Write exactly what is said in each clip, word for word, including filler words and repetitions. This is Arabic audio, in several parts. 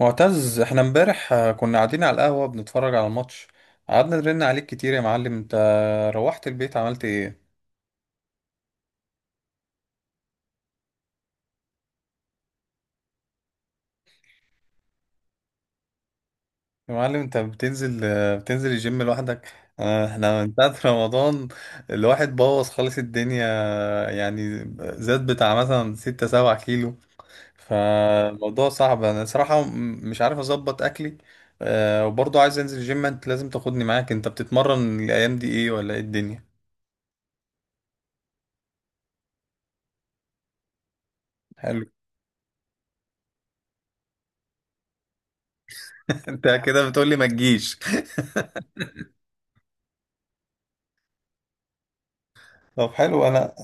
معتز، احنا امبارح آه، كنا قاعدين على القهوة بنتفرج على الماتش. قعدنا نرن عليك كتير يا معلم. انت روحت البيت عملت ايه؟ يا معلم، انت بتنزل آه، بتنزل الجيم لوحدك؟ آه، احنا من ساعة رمضان الواحد بوظ خالص الدنيا. يعني زاد بتاع مثلا ستة سبعة كيلو. فالموضوع صعب. انا صراحة م- مش عارف اظبط اكلي. آه، وبرضه عايز انزل جيم. انت لازم تاخدني معاك. انت بتتمرن الايام دي ايه ولا ايه الدنيا؟ حلو. انت كده بتقولي ما تجيش؟ طب حلو. انا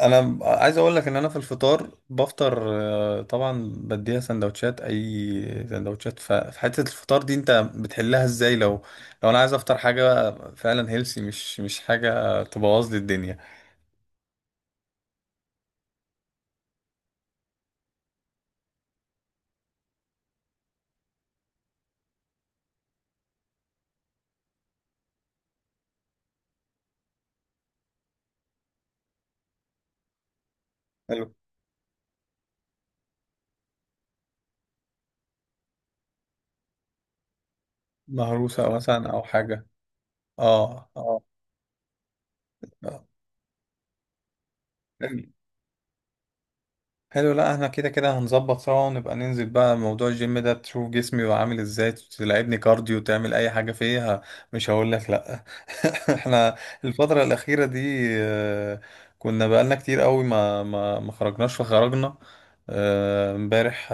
انا عايز اقول لك ان انا في الفطار بفطر آه، طبعا بديها سندوتشات، اي سندوتشات ف- في حته الفطار دي انت بتحلها ازاي لو لو انا عايز افطر حاجه فعلا هيلسي، مش مش حاجه تبوظ لي الدنيا؟ حلو. مهروسه مثلا او حاجه. اه اه. آه. حلو. لا، احنا كده كده هنظبط سوا، ونبقى ننزل بقى موضوع الجيم ده تشوف جسمي بقى عامل ازاي، تلعبني كارديو، تعمل اي حاجة فيها. مش هقول لك لا. احنا الفترة الأخيرة دي آه، كنا بقالنا كتير قوي ما ما ما خرجناش، فخرجنا آه، امبارح.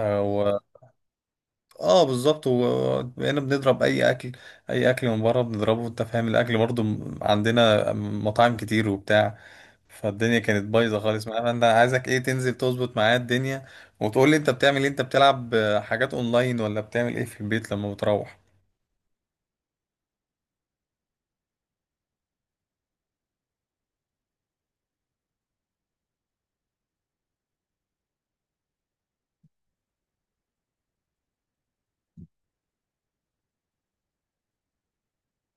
اه بالظبط. وبقينا بنضرب اي اكل، اي اكل من بره بنضربه. انت فاهم؟ الاكل برضو م- عندنا مطاعم كتير وبتاع. فالدنيا كانت بايظه خالص معانا. انا عايزك ايه، تنزل تظبط معايا الدنيا وتقول لي انت بتعمل ايه. انت بتلعب حاجات اونلاين ولا بتعمل ايه في البيت لما بتروح؟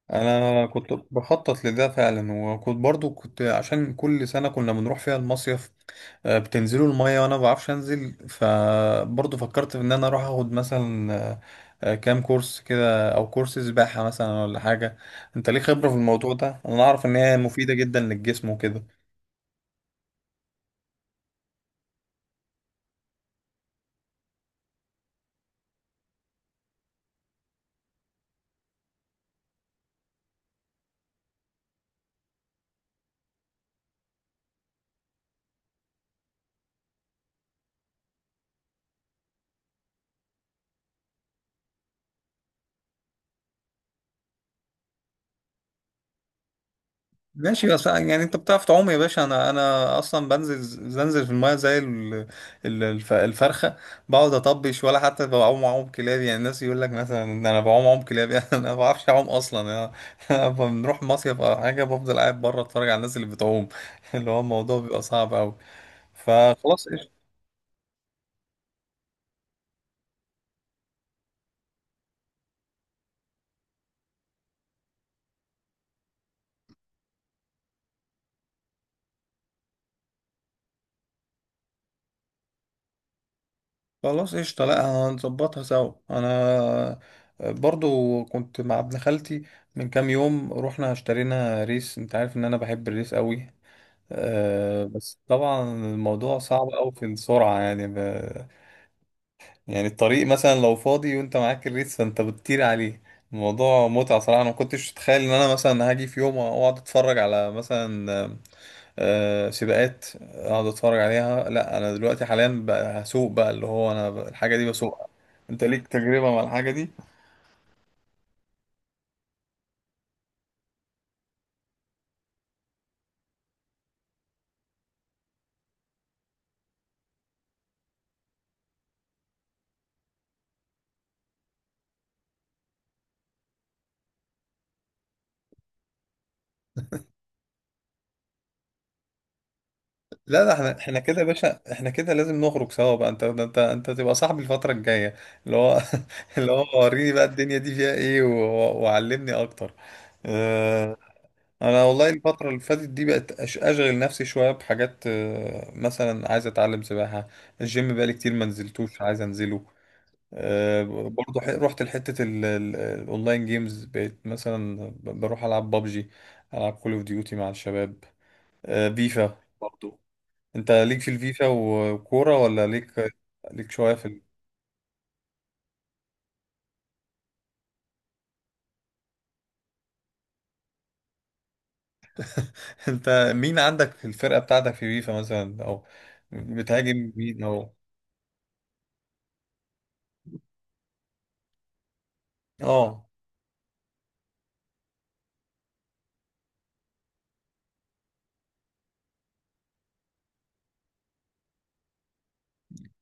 انا كنت بخطط لده فعلا، وكنت برضو كنت عشان كل سنه كنا بنروح فيها المصيف آه، بتنزلوا المية وانا ما بعرفش انزل. فبرضه فكرت ان انا اروح اخد مثلا آه، آه، كام كورس كده او كورس سباحة مثلا ولا حاجة. انت ليه خبرة في الموضوع ده. انا اعرف ان هي مفيدة جدا للجسم وكده. ماشي. بس يعني انت بتعرف تعوم يا باشا. انا انا اصلا بنزل بنزل في المايه زي ال- ال- الف- الفرخه. بقعد اطبش ولا حتى بعوم عوم كلاب. يعني الناس يقول لك مثلا ان انا بعوم عوم كلاب. يعني انا ما بعرفش اعوم اصلا يعني. انا أنا بنروح مصيف او حاجه بفضل قاعد بره اتفرج على الناس اللي بتعوم. اللي هو الموضوع بيبقى صعب قوي. فخلاص قشطه. خلاص قشطه. لا، هنظبطها سوا. انا برضو كنت مع ابن خالتي من كام يوم، رحنا اشترينا ريس. انت عارف ان انا بحب الريس قوي. آه، بس طبعا الموضوع صعب أوي في السرعة. يعني ب... يعني الطريق مثلا لو فاضي وانت معاك الريس فانت بتطير عليه. الموضوع متعة صراحة. انا ما كنتش اتخيل ان انا مثلا هاجي في يوم اقعد اتفرج على مثلا آه، آه، سباقات، اقعد اتفرج عليها. لا انا دلوقتي حاليا بقى هسوق بقى، اللي هو انا ب- الحاجة دي بسوقها. انت ليك تجربة مع الحاجة دي؟ لا لا، احنا احنا كده يا باشا، احنا كده لازم نخرج سوا بقى. انت انت انت تبقى صاحبي الفترة الجاية. اللي هو اللي هو وريني بقى الدنيا دي فيها ايه و- وعلمني اكتر. اه، انا والله الفترة اللي فاتت دي بقت أش- اشغل نفسي شوية بحاجات. اه، مثلا عايز اتعلم سباحة. الجيم بقالي كتير ما نزلتوش، عايز انزله. اه، برضه ح- رحت لحتة ال- ال- الاونلاين جيمز، بقيت مثلا ب- بروح العب بابجي، العب كول اوف ديوتي مع الشباب. اه، فيفا برضه. انت ليك في الفيفا وكورة، ولا ليك ليك شوية في ال...؟ انت مين عندك في الفرقة بتاعتك في فيفا مثلا، او بتهاجم مين او...؟ اه.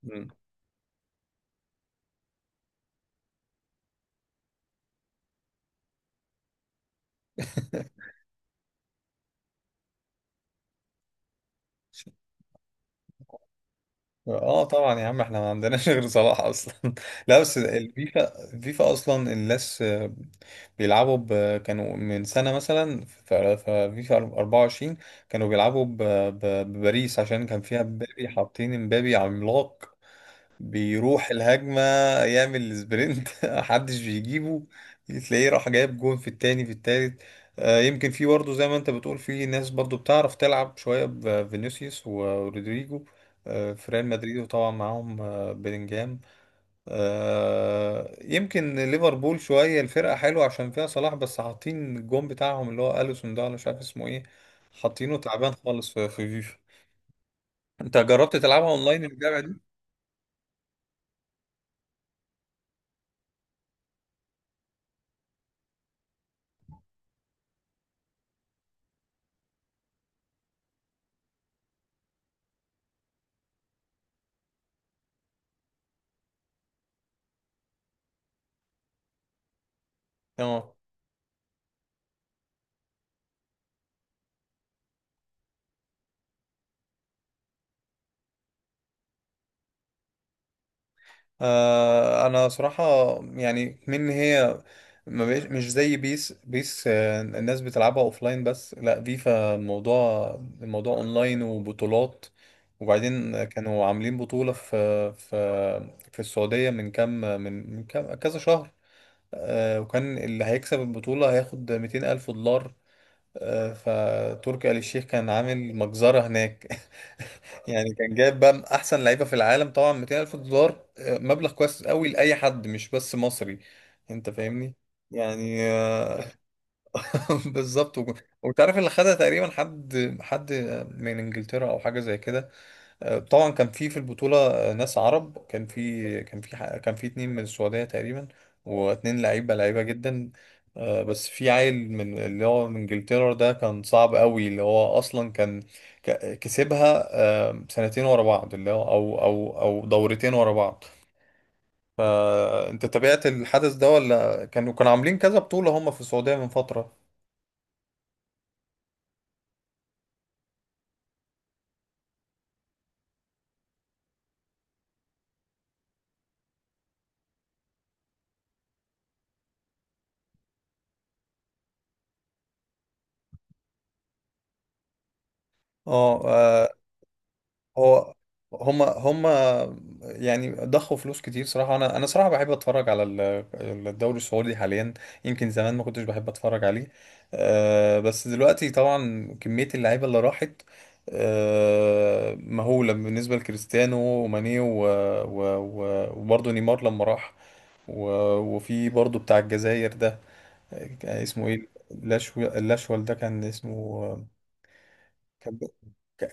مم. اه طبعا يا عم، احنا ما عندناش غير صلاح اصلا. لا بس الفيفا، الفيفا اصلا الناس آه، بيلعبوا ب... كانوا من سنة مثلا في في فيفا أربعة وعشرين. كانوا بيلعبوا ب... ب... بباريس عشان كان فيها مبابي. حاطين مبابي عملاق، بيروح الهجمة، يعمل سبرنت. محدش بيجيبه، تلاقيه راح جايب جون في التاني في التالت. آه، يمكن في برضه زي ما انت بتقول، في ناس برضه بتعرف تلعب شوية بفينيسيوس ورودريجو آه، في ريال مدريد، وطبعا معاهم آه، بيلينجهام. آه، يمكن ليفربول شوية الفرقة حلوة عشان فيها صلاح، بس حاطين الجون بتاعهم اللي هو أليسون ده، ولا مش عارف اسمه ايه. حاطينه تعبان خالص في في فيفا. انت جربت تلعبها اونلاين اللعبة دي؟ اه آه، انا صراحة يعني من هي ما بقاش مش زي بيس. بيس آه، الناس بتلعبها اوفلاين بس. لا فيفا الموضوع، الموضوع اونلاين وبطولات. وبعدين كانوا عاملين بطولة في في في السعودية من كام من من كام كذا شهر. آه، وكان اللي هيكسب البطولة هياخد مئتين ألف دولار ألف دولار. آه، فتركي آل الشيخ كان عامل مجزرة هناك. يعني كان جايب بقى أحسن لعيبة في العالم. طبعا مئتين ألف دولار ألف دولار آه، مبلغ كويس قوي لأي حد، مش بس مصري. أنت فاهمني؟ يعني آه، بالظبط. وك- وتعرف اللي خدها تقريبا حد حد من إنجلترا أو حاجة زي كده. آه، طبعا كان في في البطولة آه، ناس عرب. كان في كان في ح- كان في اتنين من السعودية تقريبا، واتنين لعيبة لعيبة جدا. آه، بس في عيل من اللي هو من انجلترا ده كان صعب قوي، اللي هو اصلا كان ك- كسبها آه، سنتين ورا بعض، اللي هو او او او دورتين ورا بعض. فانت تابعت الحدث ده، ولا كانوا كانوا عاملين كذا بطولة هم في السعودية من فترة؟ اه آه، هو هما هما يعني ضخوا فلوس كتير صراحة. أنا أنا صراحة بحب أتفرج على ال- الدوري السعودي حاليا. يمكن زمان ما كنتش بحب أتفرج عليه، أه. بس دلوقتي طبعا كمية اللعيبة اللي راحت أه مهولة، بالنسبة لكريستيانو وماني و- و- و- وبرضه نيمار لما راح. و- وفي برضه بتاع الجزائر ده، كان اسمه إيه؟ لاشو، اللاشوال ده كان اسمه. كان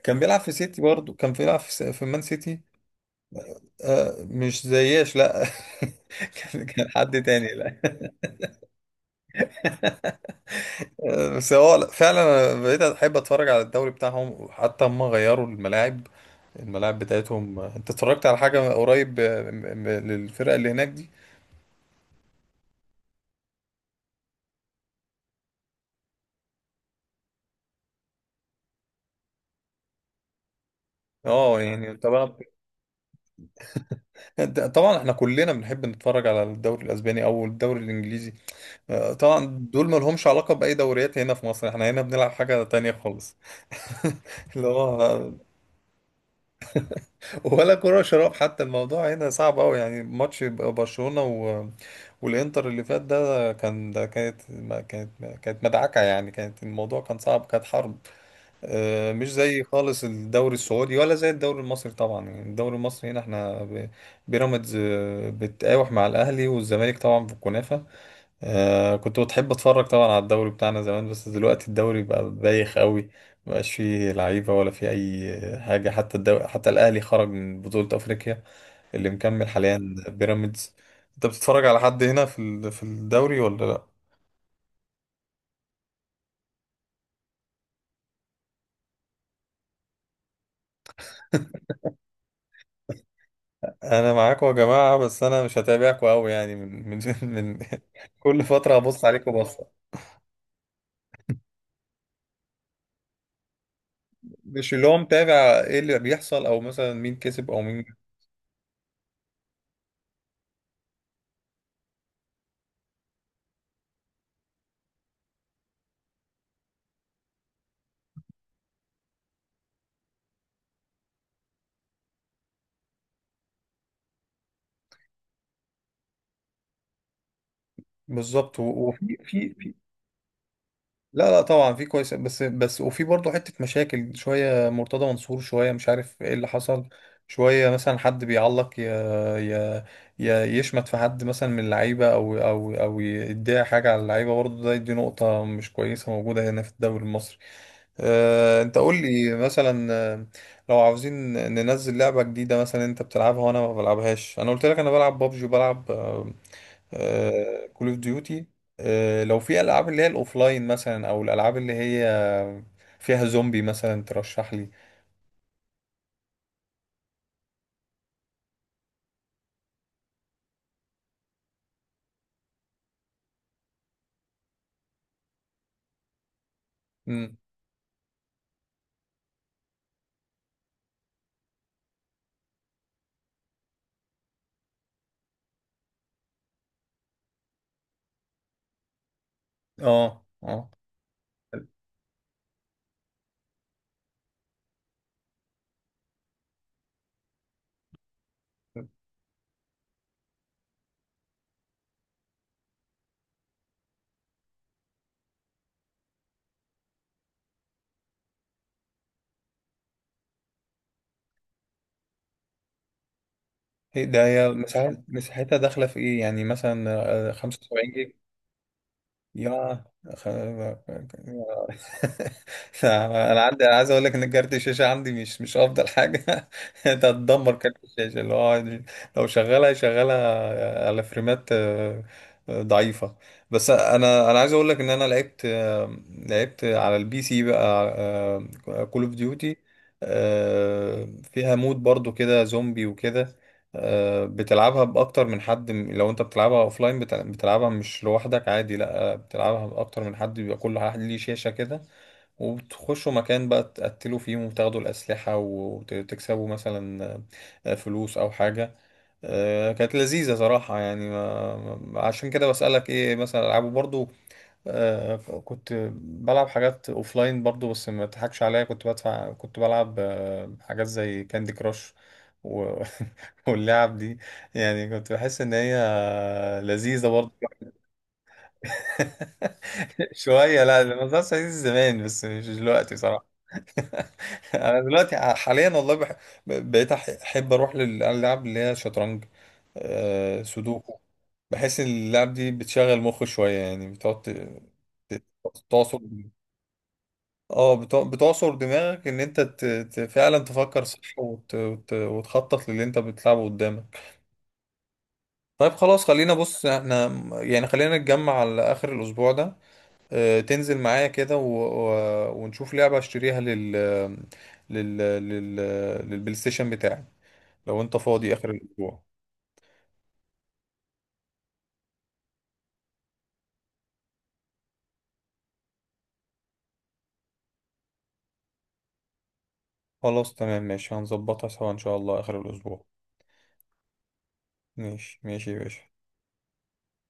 كان بيلعب في سيتي، برضه كان بيلعب في في مان سيتي. آه، مش زياش لا. كان كان حد تاني. لا آه، بس هو لا، فعلا أنا بقيت احب اتفرج على الدوري بتاعهم، وحتى هم غيروا الملاعب، الملاعب بتاعتهم. آه، انت اتفرجت على حاجة قريب آه، م- م- للفرقة اللي هناك دي؟ اه يعني طبعا. أنت- طبعا احنا كلنا بنحب نتفرج على الدوري الاسباني او الدوري الانجليزي. آه، طبعا دول ما لهمش علاقة باي دوريات هنا في مصر. احنا هنا بنلعب حاجة تانية خالص. اللي هو ولا كرة شراب حتى. الموضوع هنا صعب أوي. يعني ماتش برشلونة و... والإنتر اللي فات ده كان ده كانت ما كانت ما كانت مدعكة يعني كانت، الموضوع كان صعب، كانت حرب. آه، مش زي خالص الدوري السعودي، ولا زي الدوري المصري طبعا. يعني الدوري المصري هنا احنا ب- بيراميدز آه، بتقاوح مع الأهلي والزمالك، طبعا في الكنافة. آه كنت بتحب اتفرج طبعا على الدوري بتاعنا زمان، بس دلوقتي الدوري بقى بايخ قوي. مبقاش فيه لعيبة ولا فيه اي حاجة. حتى الدوري، حتى الاهلي خرج من بطولة افريقيا، اللي مكمل حاليا بيراميدز. انت بتتفرج على حد هنا في ال- في الدوري ولا لا؟ انا معاكم يا جماعة، بس انا مش هتابعكم قوي. يعني من من من كل فترة هبص عليكم بصة. مش اللي هو متابع ايه اللي بيحصل، او مثلا مين كسب او مين. بالظبط. و- وفي في. لا لا، طبعا في كويس بس، بس وفي برضه حتة مشاكل. شوية مرتضى منصور، شوية مش عارف ايه اللي حصل. شوية مثلا حد بيعلق ي... ي... ي... يشمت في حد مثلا من اللعيبة، أو أو أو يديها حاجة على اللعيبة. برضه ده، دي نقطة مش كويسة موجودة هنا في الدوري المصري. أه... أنت قول لي مثلا آه، لو عاوزين ننزل لعبة جديدة مثلا أنت بتلعبها وأنا ما بلعبهاش. أنا قلت لك أنا بلعب بابجي وبلعب كول اوف ديوتي. لو في العاب اللي هي الاوفلاين مثلا، او الالعاب اللي هي فيها زومبي مثلا، ترشح لي. مم. اه اه. هي- ده هي مساحة- مساحتها داخلة في ايه؟ يعني مثلا 75 جيجا؟ يا خ- انا عندي، انا عايز اقول لك ان كارت الشاشه عندي مش مش افضل حاجه. انت هتدمر كارت الشاشه، اللي هو لو شغالها شغالها على فريمات آه، آه، ضعيفه. بس انا انا عايز اقول لك ان انا لعبت آه، لعبت على البي سي بقى كول اوف ديوتي. فيها مود برضو كده زومبي وكده. آه، بتلعبها باكتر من حد لو انت بتلعبها اوفلاين. بتلعبها مش لوحدك، عادي. لا بتلعبها بأكتر من حد، بيبقى كل واحد ليه شاشة كده. وبتخشوا مكان بقى، تقتلوا فيهم وتاخدوا الأسلحة، وتكسبوا مثلا آه، فلوس أو حاجة. آه، كانت لذيذة صراحة. يعني ما ما- عشان كده بسألك إيه مثلا ألعبه برضو. آه، كنت بلعب حاجات أوفلاين برضو، بس ما تضحكش عليا. كنت بدفع، كنت بلعب آه، حاجات زي كاندي كراش و... واللعب دي. يعني كنت بحس إن هي لذيذة برضو. شوية، لا الموضوع صعيدي زمان، بس مش دلوقتي صراحة. أنا دلوقتي حاليا والله بح... بقيت أح- أحب أروح للألعاب اللي هي شطرنج، آه سودوكو. بحس إن اللعب دي بتشغل مخ شوية. يعني بتقعد ت- ت- تعصر. اه بت- بتعصر دماغك، إن أنت ت... ت... فعلا تفكر صح وت... وت... وتخطط للي أنت بتلعبه قدامك. طيب خلاص، خلينا بص احنا، يعني خلينا نتجمع على آخر الأسبوع ده. آه، تنزل معايا كده و... و... ونشوف لعبة اشتريها لل... لل... لل... للبلاي ستيشن بتاعي، لو انت فاضي اخر الاسبوع. خلاص تمام ماشي. هنظبطها سوا ان شاء الله اخر الاسبوع. ماشي ماشي يا باشا.